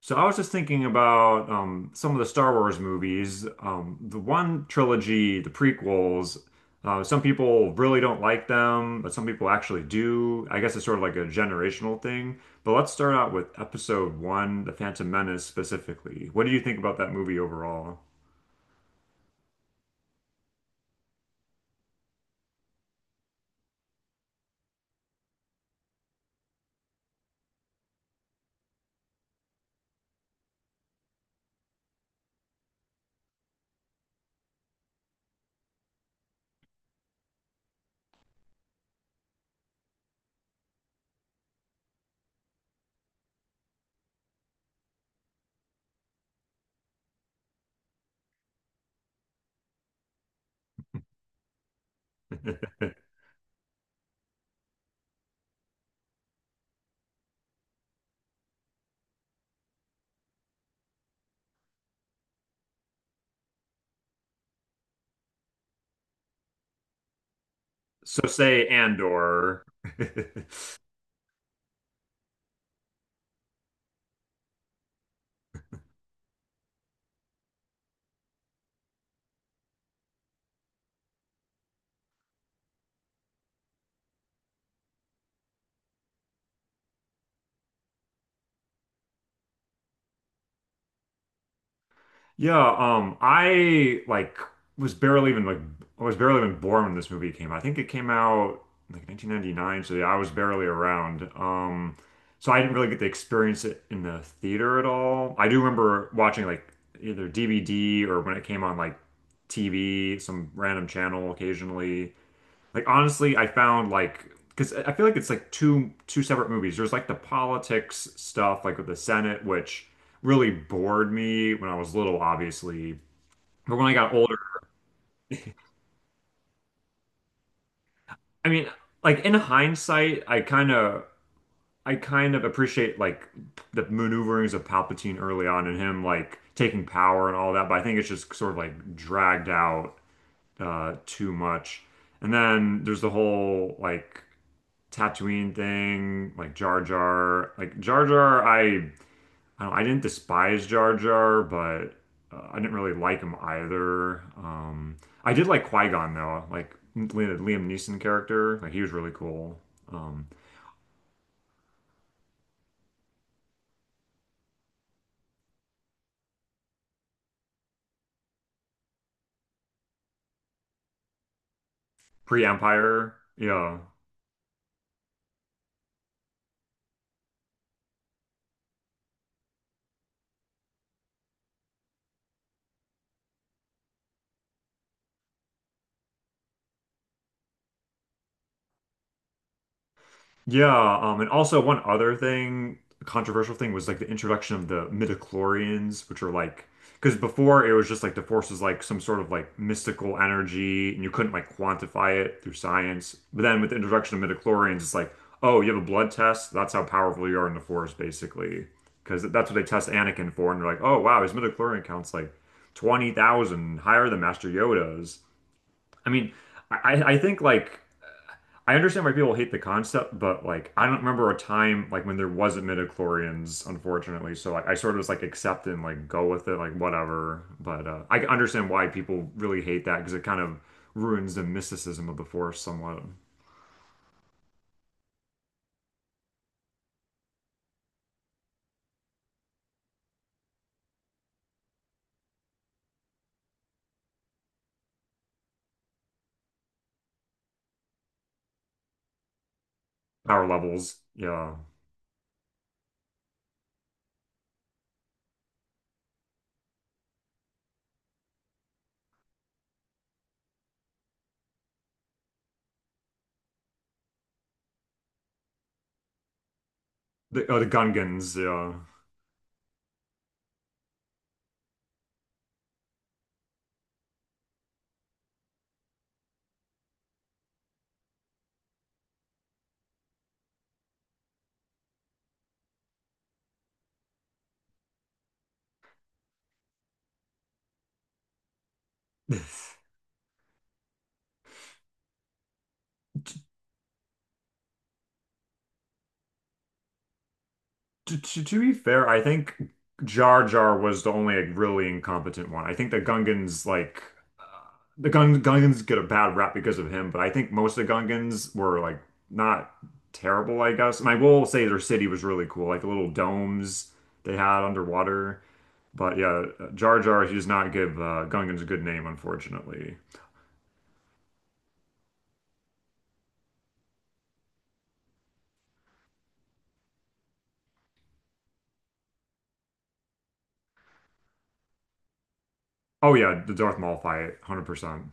So I was just thinking about some of the Star Wars movies. The one trilogy, the prequels, some people really don't like them, but some people actually do. I guess it's sort of like a generational thing. But let's start out with episode one, The Phantom Menace specifically. What do you think about that movie overall? So say Andor. Yeah, was barely even like I was barely even born when this movie came out. I think it came out like 1999, so yeah, I was barely around. So I didn't really get to experience it in the theater at all. I do remember watching like either DVD or when it came on like TV, some random channel occasionally. Like honestly, I found like because I feel like it's like two separate movies. There's like the politics stuff, like with the Senate, which really bored me when I was little, obviously. But when I got older, I mean, like in hindsight, I kind of appreciate like the maneuverings of Palpatine early on and him like taking power and all that. But I think it's just sort of like dragged out too much. And then there's the whole like Tatooine thing, like Jar Jar, like Jar Jar. I don't know, I didn't despise Jar Jar, but I didn't really like him either. I did like Qui Gon though, like Liam Neeson character. Like he was really cool. Um, Pre Empire, yeah. Yeah, and also one other thing, controversial thing was like the introduction of the midichlorians, which are like because before it was just like the force was like some sort of like mystical energy and you couldn't like quantify it through science. But then with the introduction of midichlorians, it's like, oh, you have a blood test, that's how powerful you are in the force, basically. Because that's what they test Anakin for, and they're like, oh wow, his midichlorian count's like 20,000 higher than Master Yoda's. I mean, I think like I understand why people hate the concept, but like I don't remember a time like when there wasn't midichlorians, unfortunately. So like I sort of just like accept it and like go with it, like whatever. But I understand why people really hate that because it kind of ruins the mysticism of the Force somewhat. Power levels, yeah. The oh, the Gungans, yeah. To be fair, I think Jar Jar was the only like really incompetent one. I think the Gungans like the Gungans get a bad rap because of him, but I think most of the Gungans were like not terrible, I guess. And I will say their city was really cool, like the little domes they had underwater. But yeah, Jar Jar, he does not give Gungans a good name, unfortunately. Oh yeah, the Darth Maul fight, 100%.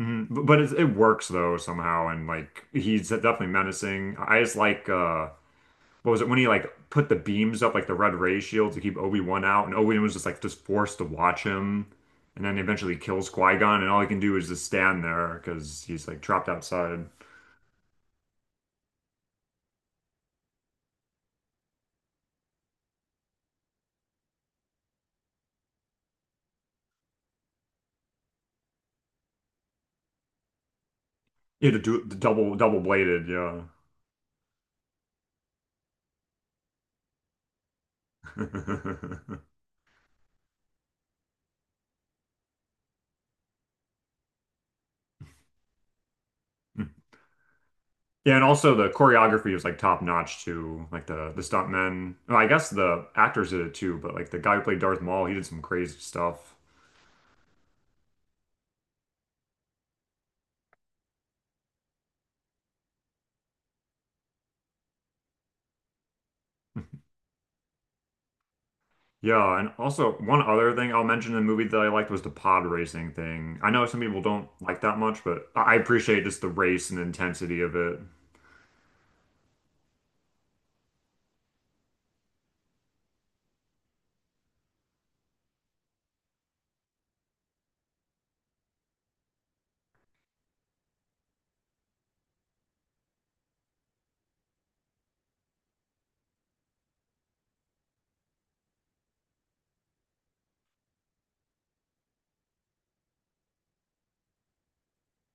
Mhm. But it works though somehow, and like he's definitely menacing. I just like what was it when he like put the beams up like the red ray shield to keep Obi-Wan out and Obi-Wan was just like just forced to watch him and then eventually kills Qui-Gon and all he can do is just stand there because he's like trapped outside. He had to do the double bladed, yeah. Yeah, and also the choreography was like top notch too. Like the stuntmen. Well, I guess the actors did it too, but like the guy who played Darth Maul, he did some crazy stuff. Yeah, and also one other thing I'll mention in the movie that I liked was the pod racing thing. I know some people don't like that much, but I appreciate just the race and the intensity of it.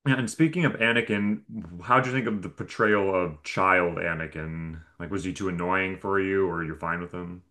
Yeah, and speaking of Anakin, how'd you think of the portrayal of child Anakin? Like, was he too annoying for you, or you're fine with him?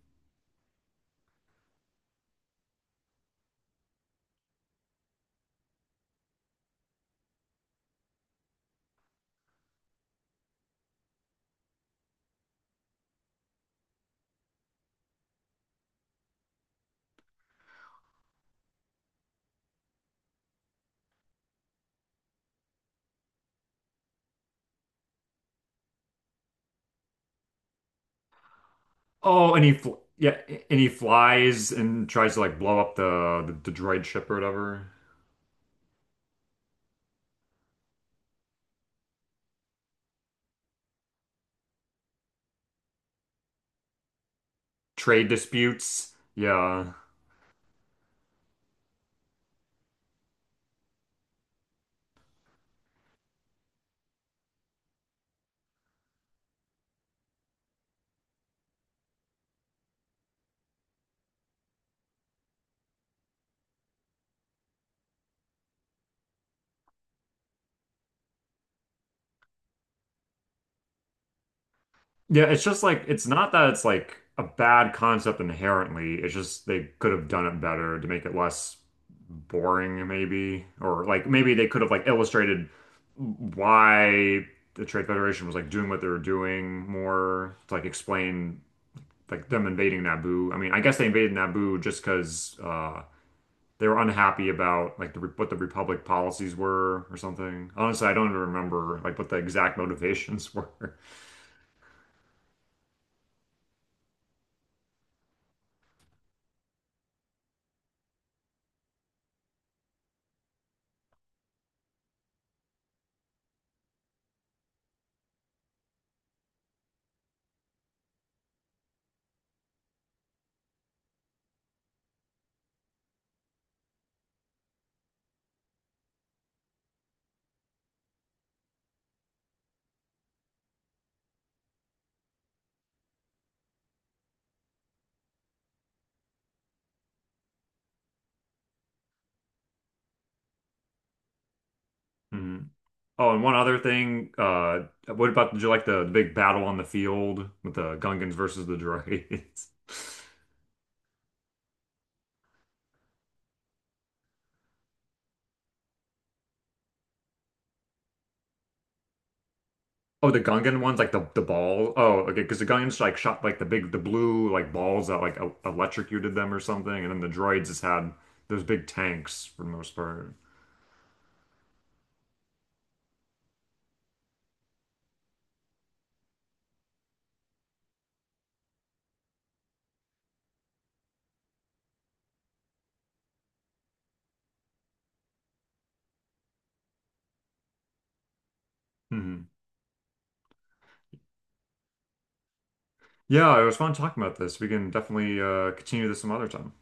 Oh, and he fl Yeah, and he flies and tries to like blow up the droid ship or whatever. Trade disputes. Yeah. Yeah, it's just like it's not that it's like a bad concept inherently. It's just they could have done it better to make it less boring, maybe, or like maybe they could have like illustrated why the Trade Federation was like doing what they were doing more to like explain like them invading Naboo. I mean, I guess they invaded Naboo just because they were unhappy about like what the Republic policies were or something. Honestly, I don't even remember like what the exact motivations were. Oh, and one other thing, what about, did you like the big battle on the field with the Gungans versus the droids? Oh, the Gungan ones, like the ball. Oh, okay, because the Gungans like shot like the big, the blue like balls that like electrocuted them or something, and then the droids just had those big tanks for the most part. Hmm. Yeah, it was fun talking about this. We can definitely continue this some other time.